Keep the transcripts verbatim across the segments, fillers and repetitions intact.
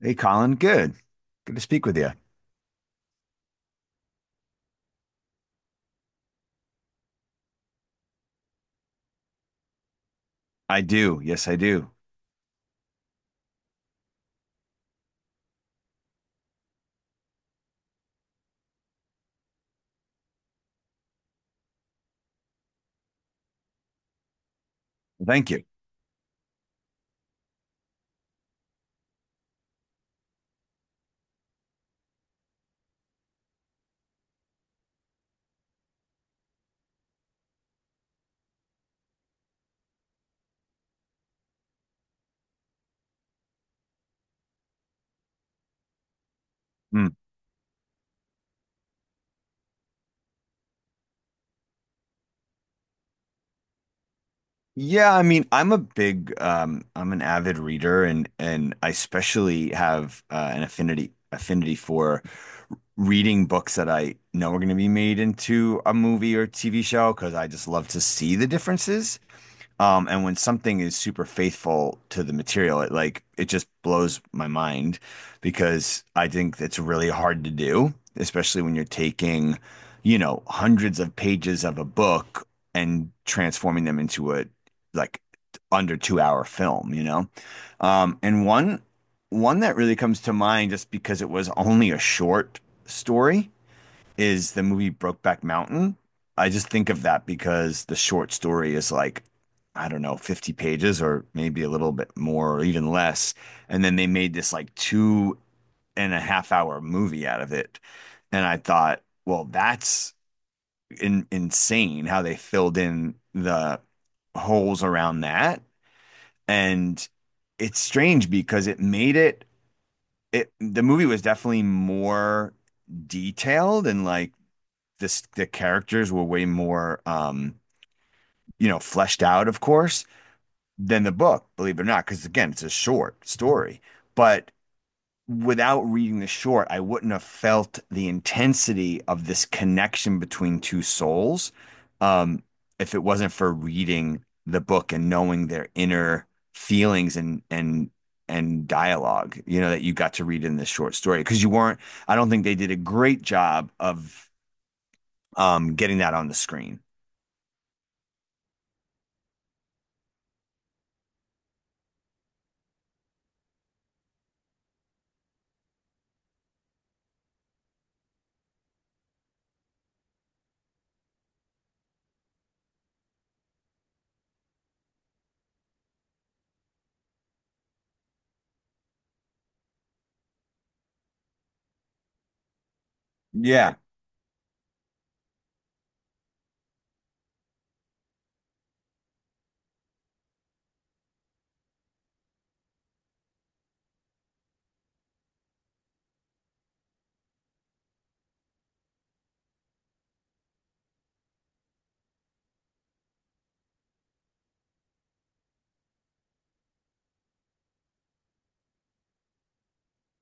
Hey, Colin. Good. Good to speak with you. I do. Yes, I do. Thank you. Mm. Yeah, I mean, I'm a big, um, I'm an avid reader, and and I especially have uh, an affinity affinity for reading books that I know are going to be made into a movie or T V show because I just love to see the differences. Um, and when something is super faithful to the material, it like it just blows my mind because I think it's really hard to do, especially when you're taking, you know, hundreds of pages of a book and transforming them into a like under two hour film, you know? Um, and one one that really comes to mind just because it was only a short story is the movie Brokeback Mountain. I just think of that because the short story is like, I don't know, fifty pages or maybe a little bit more or even less. And then they made this like two and a half hour movie out of it. And I thought, well, that's in, insane how they filled in the holes around that. And it's strange because it made it, it, the movie was definitely more detailed and like this the characters were way more um, you know, fleshed out, of course, than the book, believe it or not, because again, it's a short story. But without reading the short, I wouldn't have felt the intensity of this connection between two souls, um, if it wasn't for reading the book and knowing their inner feelings and and and dialogue, you know, that you got to read in this short story because you weren't. I don't think they did a great job of, um, getting that on the screen. Yeah,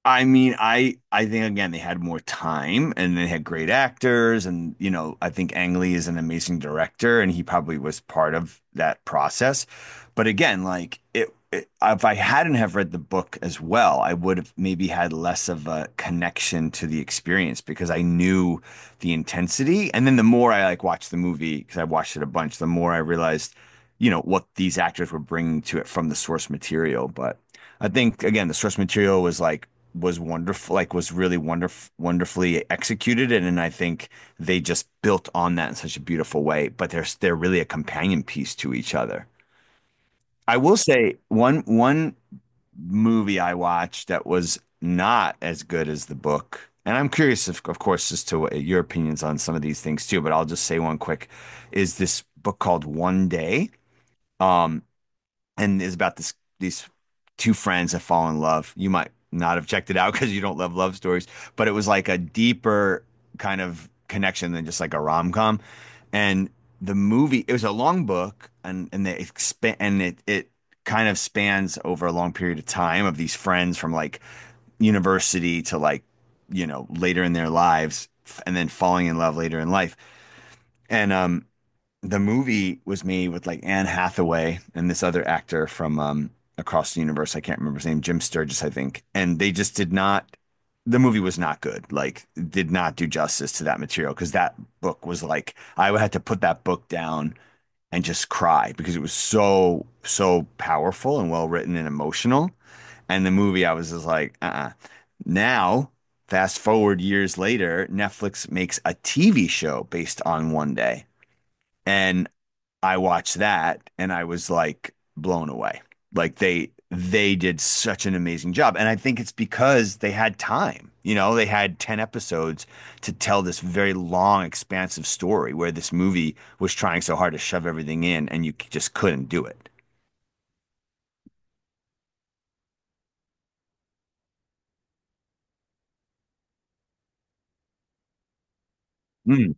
I mean, I I think again they had more time and they had great actors, and you know, I think Ang Lee is an amazing director and he probably was part of that process. But again, like it, it if I hadn't have read the book as well, I would have maybe had less of a connection to the experience because I knew the intensity. And then the more I like watched the movie, because I watched it a bunch, the more I realized, you know, what these actors were bringing to it from the source material. But I think again, the source material was like was wonderful, like was really wonderful, wonderfully executed, and, and I think they just built on that in such a beautiful way. But they're they're really a companion piece to each other. I will say one one movie I watched that was not as good as the book, and I'm curious, of, of course, as to what your opinions on some of these things too. But I'll just say one quick is this book called One Day. Um, and is about this these two friends that fall in love. You might not have checked it out because you don't love love stories, but it was like a deeper kind of connection than just like a rom com. And the movie, it was a long book, and and they expand and it it kind of spans over a long period of time of these friends from like university to like, you know, later in their lives, f- and then falling in love later in life. And, um, the movie was made with like Anne Hathaway and this other actor from, um, across the universe. I can't remember his name, Jim Sturgess, I think. And they just did not. The movie was not good. Like, did not do justice to that material because that book was like I had to put that book down and just cry because it was so so powerful and well written and emotional. And the movie, I was just like, uh-uh. Now, fast forward years later, Netflix makes a T V show based on One Day. And I watched that and I was like blown away. Like they they did such an amazing job. And I think it's because they had time. You know, they had ten episodes to tell this very long, expansive story where this movie was trying so hard to shove everything in and you just couldn't do it. Mm.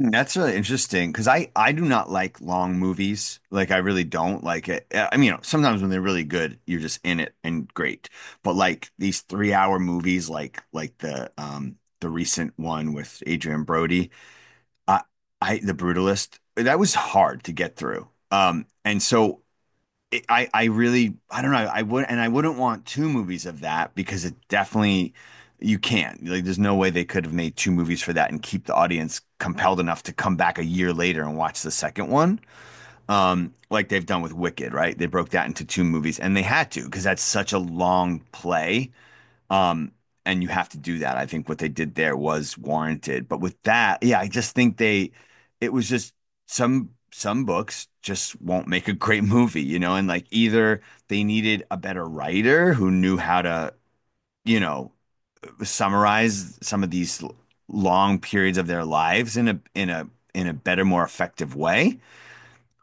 That's really interesting because I I do not like long movies. Like I really don't like it. Uh, I mean, you know, sometimes when they're really good, you're just in it and great. But like these three hour movies, like like the um the recent one with Adrian Brody, I I The Brutalist, that was hard to get through. Um, and so it, I I really I don't know I would, and I wouldn't want two movies of that because it definitely you can't, like there's no way they could have made two movies for that and keep the audience compelled enough to come back a year later and watch the second one, um like they've done with Wicked, right? They broke that into two movies and they had to because that's such a long play. Um, and you have to do that. I think what they did there was warranted. But with that, yeah, I just think they, it was just some some books just won't make a great movie, you know, and like either they needed a better writer who knew how to, you know, summarize some of these l- long periods of their lives in a in a in a better, more effective way,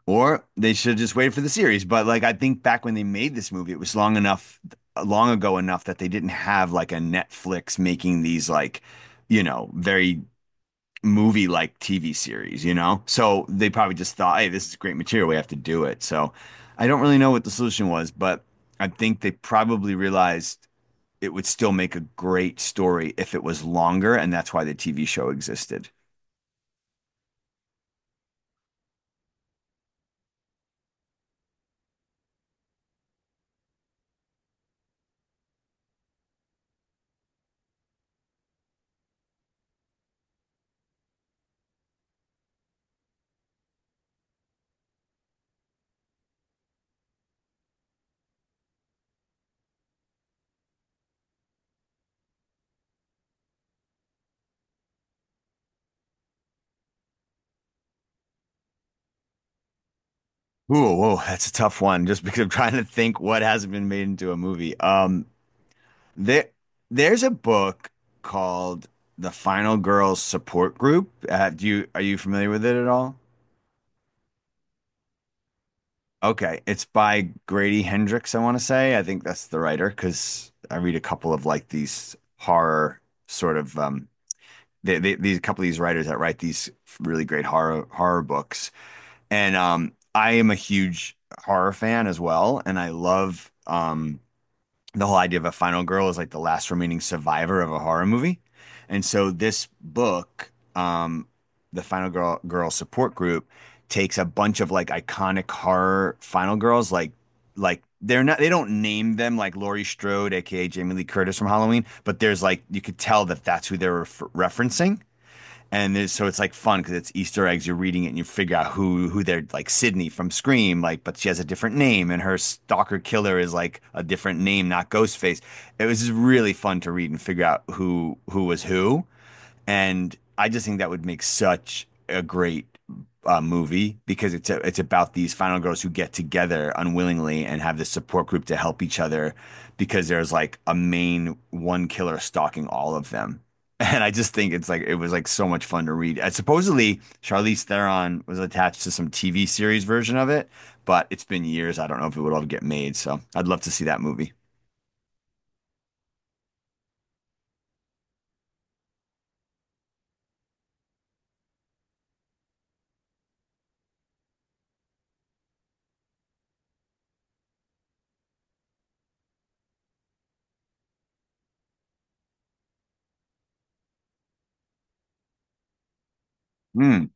or they should just wait for the series. But like I think back when they made this movie, it was long enough, long ago enough that they didn't have like a Netflix making these like, you know, very movie like T V series, you know? So they probably just thought, hey, this is great material. We have to do it. So I don't really know what the solution was, but I think they probably realized it would still make a great story if it was longer, and that's why the T V show existed. Ooh, whoa, that's a tough one just because I'm trying to think what hasn't been made into a movie. Um, there there's a book called The Final Girls Support Group. Uh, do you are you familiar with it at all? Okay, it's by Grady Hendrix, I want to say. I think that's the writer because I read a couple of like these horror sort of, um they, they, these a couple of these writers that write these really great horror horror books. And, um I am a huge horror fan as well, and I love, um the whole idea of a final girl is like the last remaining survivor of a horror movie. And so this book, um, the Final Girl Girl Support Group, takes a bunch of like iconic horror final girls, like like they're not, they don't name them like Laurie Strode, aka Jamie Lee Curtis from Halloween, but there's like you could tell that that's who they're ref referencing, and so it's like fun because it's Easter eggs. You're reading it and you figure out who who they're like Sydney from Scream, like, but she has a different name, and her stalker killer is like a different name, not Ghostface. It was just really fun to read and figure out who who was who. And I just think that would make such a great, uh, movie because it's a, it's about these final girls who get together unwillingly and have this support group to help each other because there's like a main one killer stalking all of them. And I just think it's like it was like so much fun to read. Uh, supposedly Charlize Theron was attached to some T V series version of it, but it's been years. I don't know if it would all get made. So I'd love to see that movie. Hmm.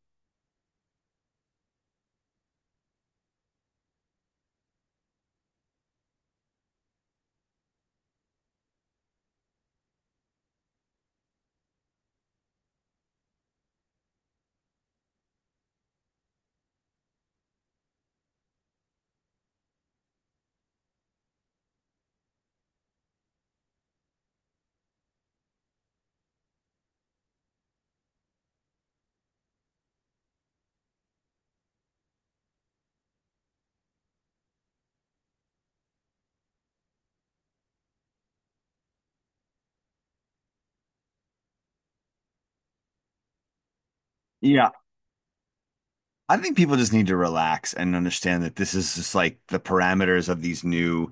Yeah, I think people just need to relax and understand that this is just like the parameters of these new,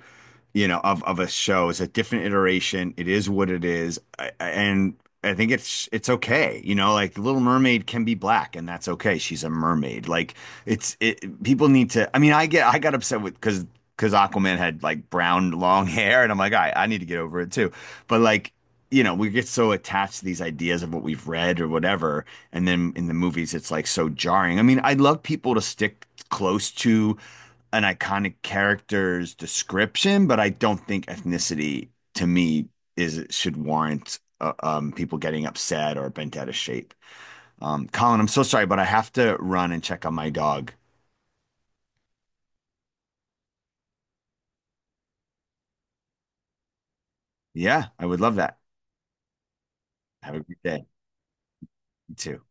you know, of of a show. It's a different iteration. It is what it is. I, I- and I think it's it's okay. You know, like Little Mermaid can be black and that's okay. She's a mermaid. Like it's it people need to, I mean, I get I got upset with because because Aquaman had like brown long hair and I'm like, all right, I need to get over it too. But like, you know, we get so attached to these ideas of what we've read or whatever, and then in the movies, it's like so jarring. I mean, I'd love people to stick close to an iconic character's description, but I don't think ethnicity to me is should warrant, uh, um, people getting upset or bent out of shape. Um, Colin, I'm so sorry, but I have to run and check on my dog. Yeah, I would love that. Have a great day. You too.